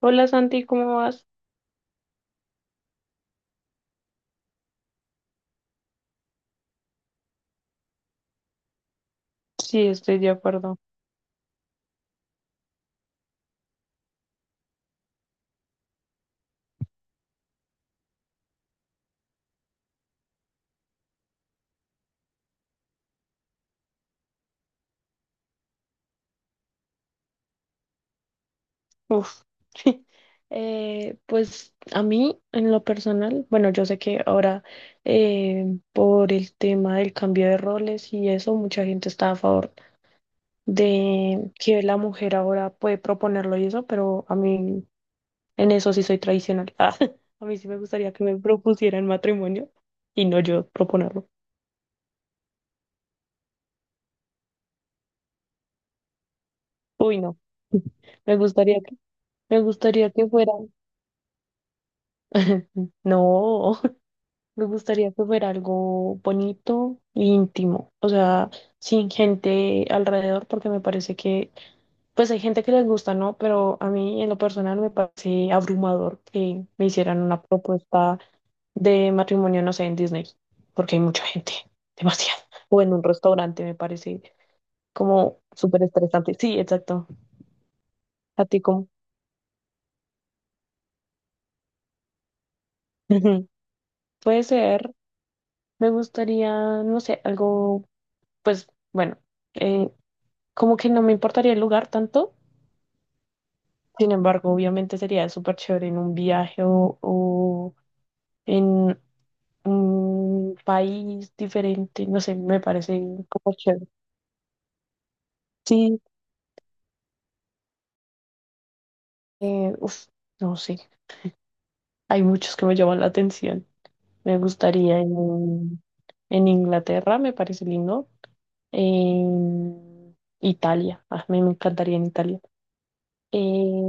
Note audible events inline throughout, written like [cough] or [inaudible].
Hola Santi, ¿cómo vas? Sí, estoy de acuerdo. Uf. [laughs] Pues a mí, en lo personal, bueno, yo sé que ahora eh, por el tema del cambio de roles y eso, mucha gente está a favor de que la mujer ahora puede proponerlo y eso, pero a mí en eso sí soy tradicional. [laughs] Ah, a mí sí me gustaría que me propusieran matrimonio y no yo proponerlo. Uy, no, me gustaría que, me gustaría que fuera. [laughs] No. Me gustaría que fuera algo bonito e íntimo, o sea, sin gente alrededor, porque me parece que, pues hay gente que les gusta, ¿no? Pero a mí en lo personal me parece abrumador que me hicieran una propuesta de matrimonio, no sé, en Disney, porque hay mucha gente, [laughs] demasiado. O en un restaurante me parece como súper estresante. Sí, exacto. A ti como. [laughs] Puede ser, me gustaría, no sé, algo, pues bueno. eh, Como que no me importaría el lugar tanto. Sin embargo, obviamente sería súper chévere en un viaje o en un país diferente. No sé, me parece como chévere. Sí, eh, uf, no sé. Hay muchos que me llaman la atención. Me gustaría en, en Inglaterra, me parece lindo. En Italia, ah, me encantaría en Italia. Eh,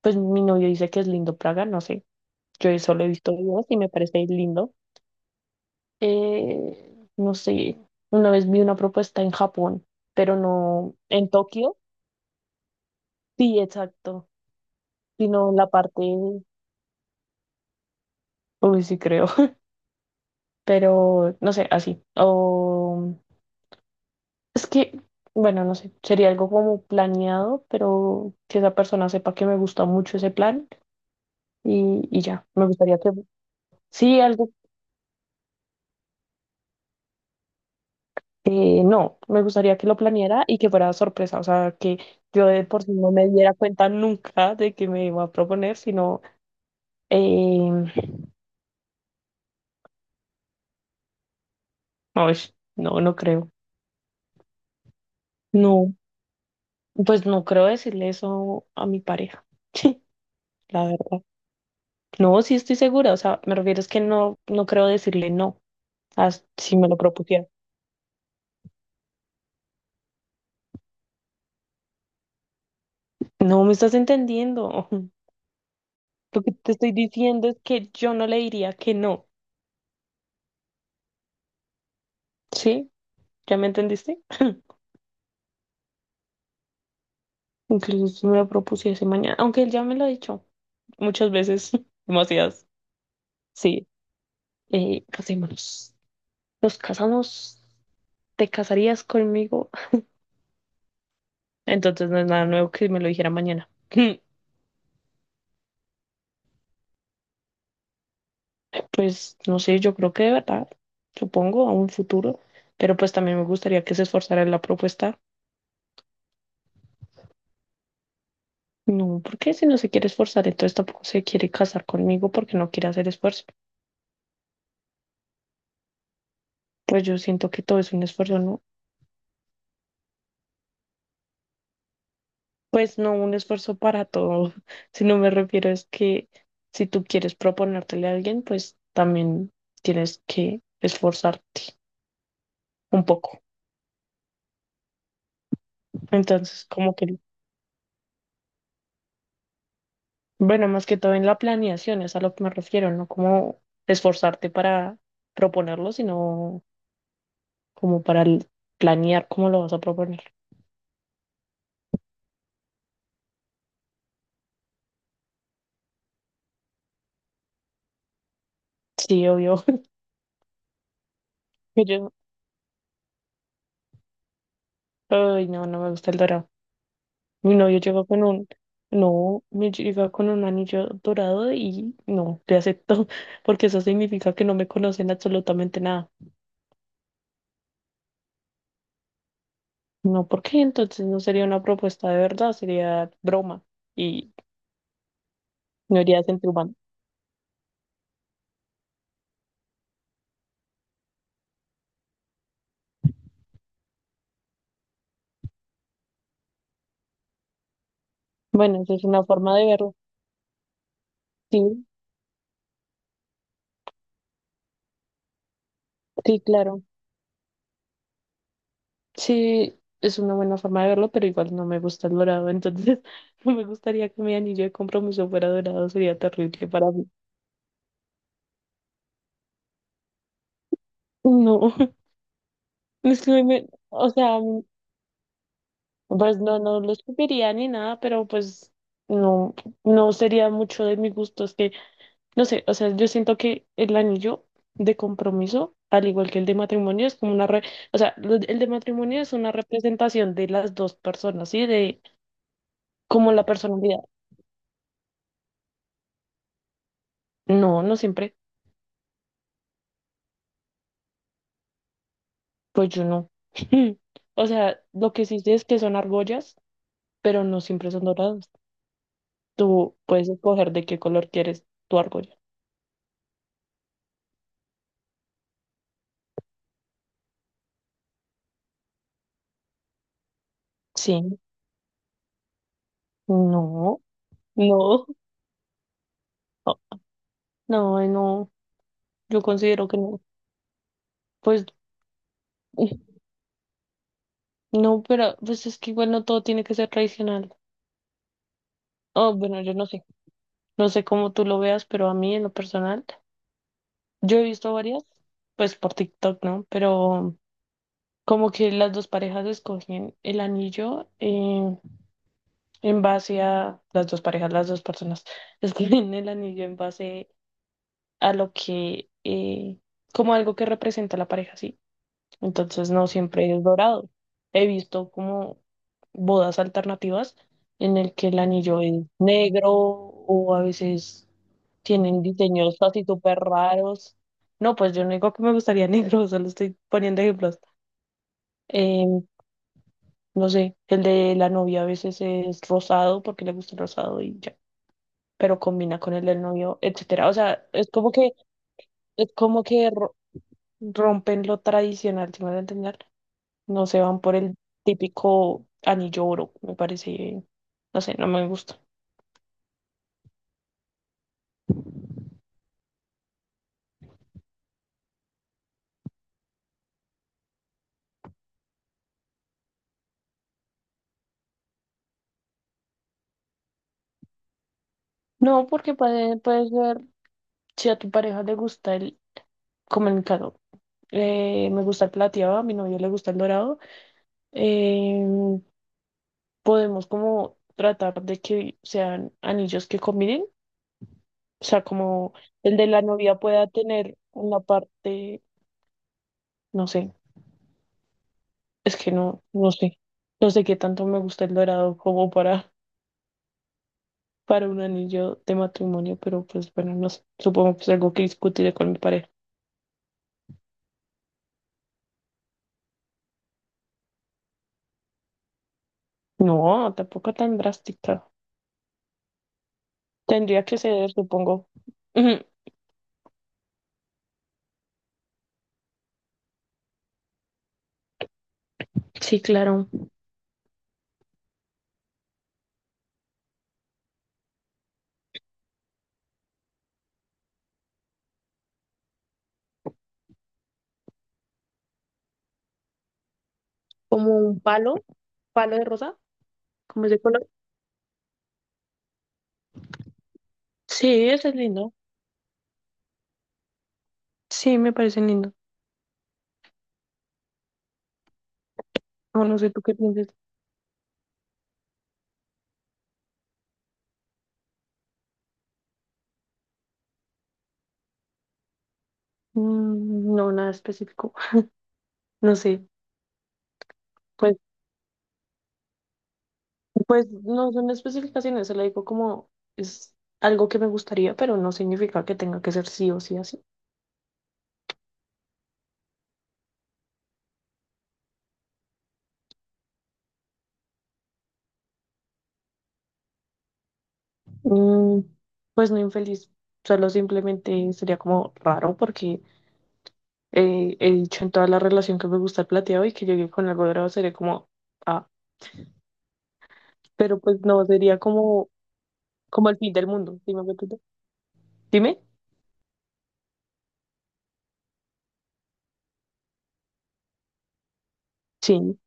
pues mi novio dice que es lindo Praga, no sé. Yo solo he visto videos y me parece lindo. No sé, una vez vi una propuesta en Japón, pero no en Tokio, sí, exacto, sino en la parte, uy, sí creo, [laughs] pero no sé, así. O es que, bueno, no sé, sería algo como planeado, pero que esa persona sepa que me gusta mucho ese plan y, ya, me gustaría que, sí, algo. No, me gustaría que lo planeara y que fuera sorpresa, o sea, que yo de por sí no me diera cuenta nunca de que me iba a proponer, sino Eh, ay, no, no creo. No, pues no creo decirle eso a mi pareja. [laughs] Sí, la verdad. No, sí estoy segura. O sea, me refiero es que no, no creo decirle no, si me lo propusiera. No me estás entendiendo. [laughs] Lo que te estoy diciendo es que yo no le diría que no. ¿Sí? ¿Ya me entendiste? Incluso si me lo propusiese mañana, aunque él ya me lo ha dicho muchas veces, [laughs] demasiadas. Sí, casémonos. Nos casamos. ¿Te casarías conmigo? Entonces no es nada nuevo que me lo dijera mañana. [laughs] Pues no sé, yo creo que de verdad, supongo, a un futuro, pero pues también me gustaría que se esforzara en la propuesta. No, porque si no se quiere esforzar, entonces tampoco se quiere casar conmigo porque no quiere hacer esfuerzo. Pues yo siento que todo es un esfuerzo, ¿no? Pues no un esfuerzo para todo, [laughs] sino me refiero es que si tú quieres proponértele a alguien, pues también tienes que esforzarte un poco. Entonces, como que bueno, más que todo en la planeación, es a lo que me refiero, no como esforzarte para proponerlo, sino como para el- planear cómo lo vas a proponer. Sí, obvio. [laughs] Que yo, ay, no, no me gusta el dorado. Mi novio llegó con un, No, me llega con un anillo dorado y no, te acepto, [laughs] porque eso significa que no me conocen absolutamente nada. No, ¿por qué? Entonces no sería una propuesta de verdad, sería broma y no iría sentido humano. Bueno, esa es una forma de verlo. Sí, sí, claro. Sí, es una buena forma de verlo, pero igual no me gusta el dorado, entonces [laughs] no me gustaría que mi anillo de compromiso fuera dorado, sería terrible para mí. No, [laughs] o sea, pues no, no lo escupiría ni nada, pero pues no, no sería mucho de mi gusto, es que, no sé, o sea, yo siento que el anillo de compromiso, al igual que el de matrimonio, es como o sea, el de matrimonio es una representación de las dos personas, ¿sí? De como la personalidad. No, no siempre. Pues yo no. [laughs] O sea, lo que sí sé es que son argollas, pero no siempre son doradas. Tú puedes escoger de qué color quieres tu argolla. Sí. No, no, [laughs] no, no, ay, no. Yo considero que no. Pues [laughs] no, pero pues es que igual no todo tiene que ser tradicional. Oh, bueno, yo no sé. No sé cómo tú lo veas, pero a mí en lo personal, yo he visto varias, pues por TikTok, ¿no? Pero como que las dos parejas escogen el anillo. En base a las dos parejas, las dos personas, [laughs] escriben el anillo en base a lo que, como algo que representa a la pareja, ¿sí? Entonces no siempre es dorado. He visto como bodas alternativas en el que el anillo es negro o a veces tienen diseños así súper raros. No, pues yo no digo que me gustaría negro, [laughs] solo estoy poniendo ejemplos. Em, no sé, el de la novia a veces es rosado porque le gusta el rosado y ya, pero combina con el del novio, etcétera. O sea, es como que rompen lo tradicional, si me voy a entender. No se van por el típico anillo oro, me parece, no sé, no me gusta. No, porque puedes ver si a tu pareja le gusta el, como en mi caso, me gusta el plateado, a mi novio le gusta el dorado. eh, Podemos como tratar de que sean anillos que combinen, o sea, como el de la novia pueda tener una parte, no sé. Es que no, no sé. No sé qué tanto me gusta el dorado como para un anillo de matrimonio, pero pues bueno, no sé. Supongo que es algo que discutiré con mi pareja. No, tampoco tan drástica. Tendría que ceder, supongo. Ujú. Sí, claro. Como un palo, palo de rosa, como ese color. Sí, ese es lindo. Sí, me parece lindo. No, no sé tú qué piensas. Mm, no, nada específico. No sé. Pues pues no son especificaciones, se le digo como es algo que me gustaría, pero no significa que tenga que ser sí o sí así. Mm, pues no infeliz, solo simplemente sería como raro porque he dicho en toda la relación que me gusta el plateado y que llegué con algo dorado sería como, ah, pero pues no, sería como, como el fin del mundo. Dime. Sí.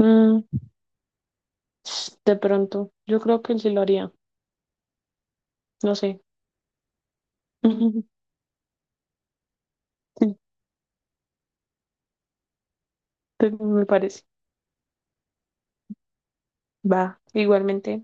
Mm, de pronto, yo creo que él sí lo haría, no sé. [laughs] Sí, me parece. Va, igualmente.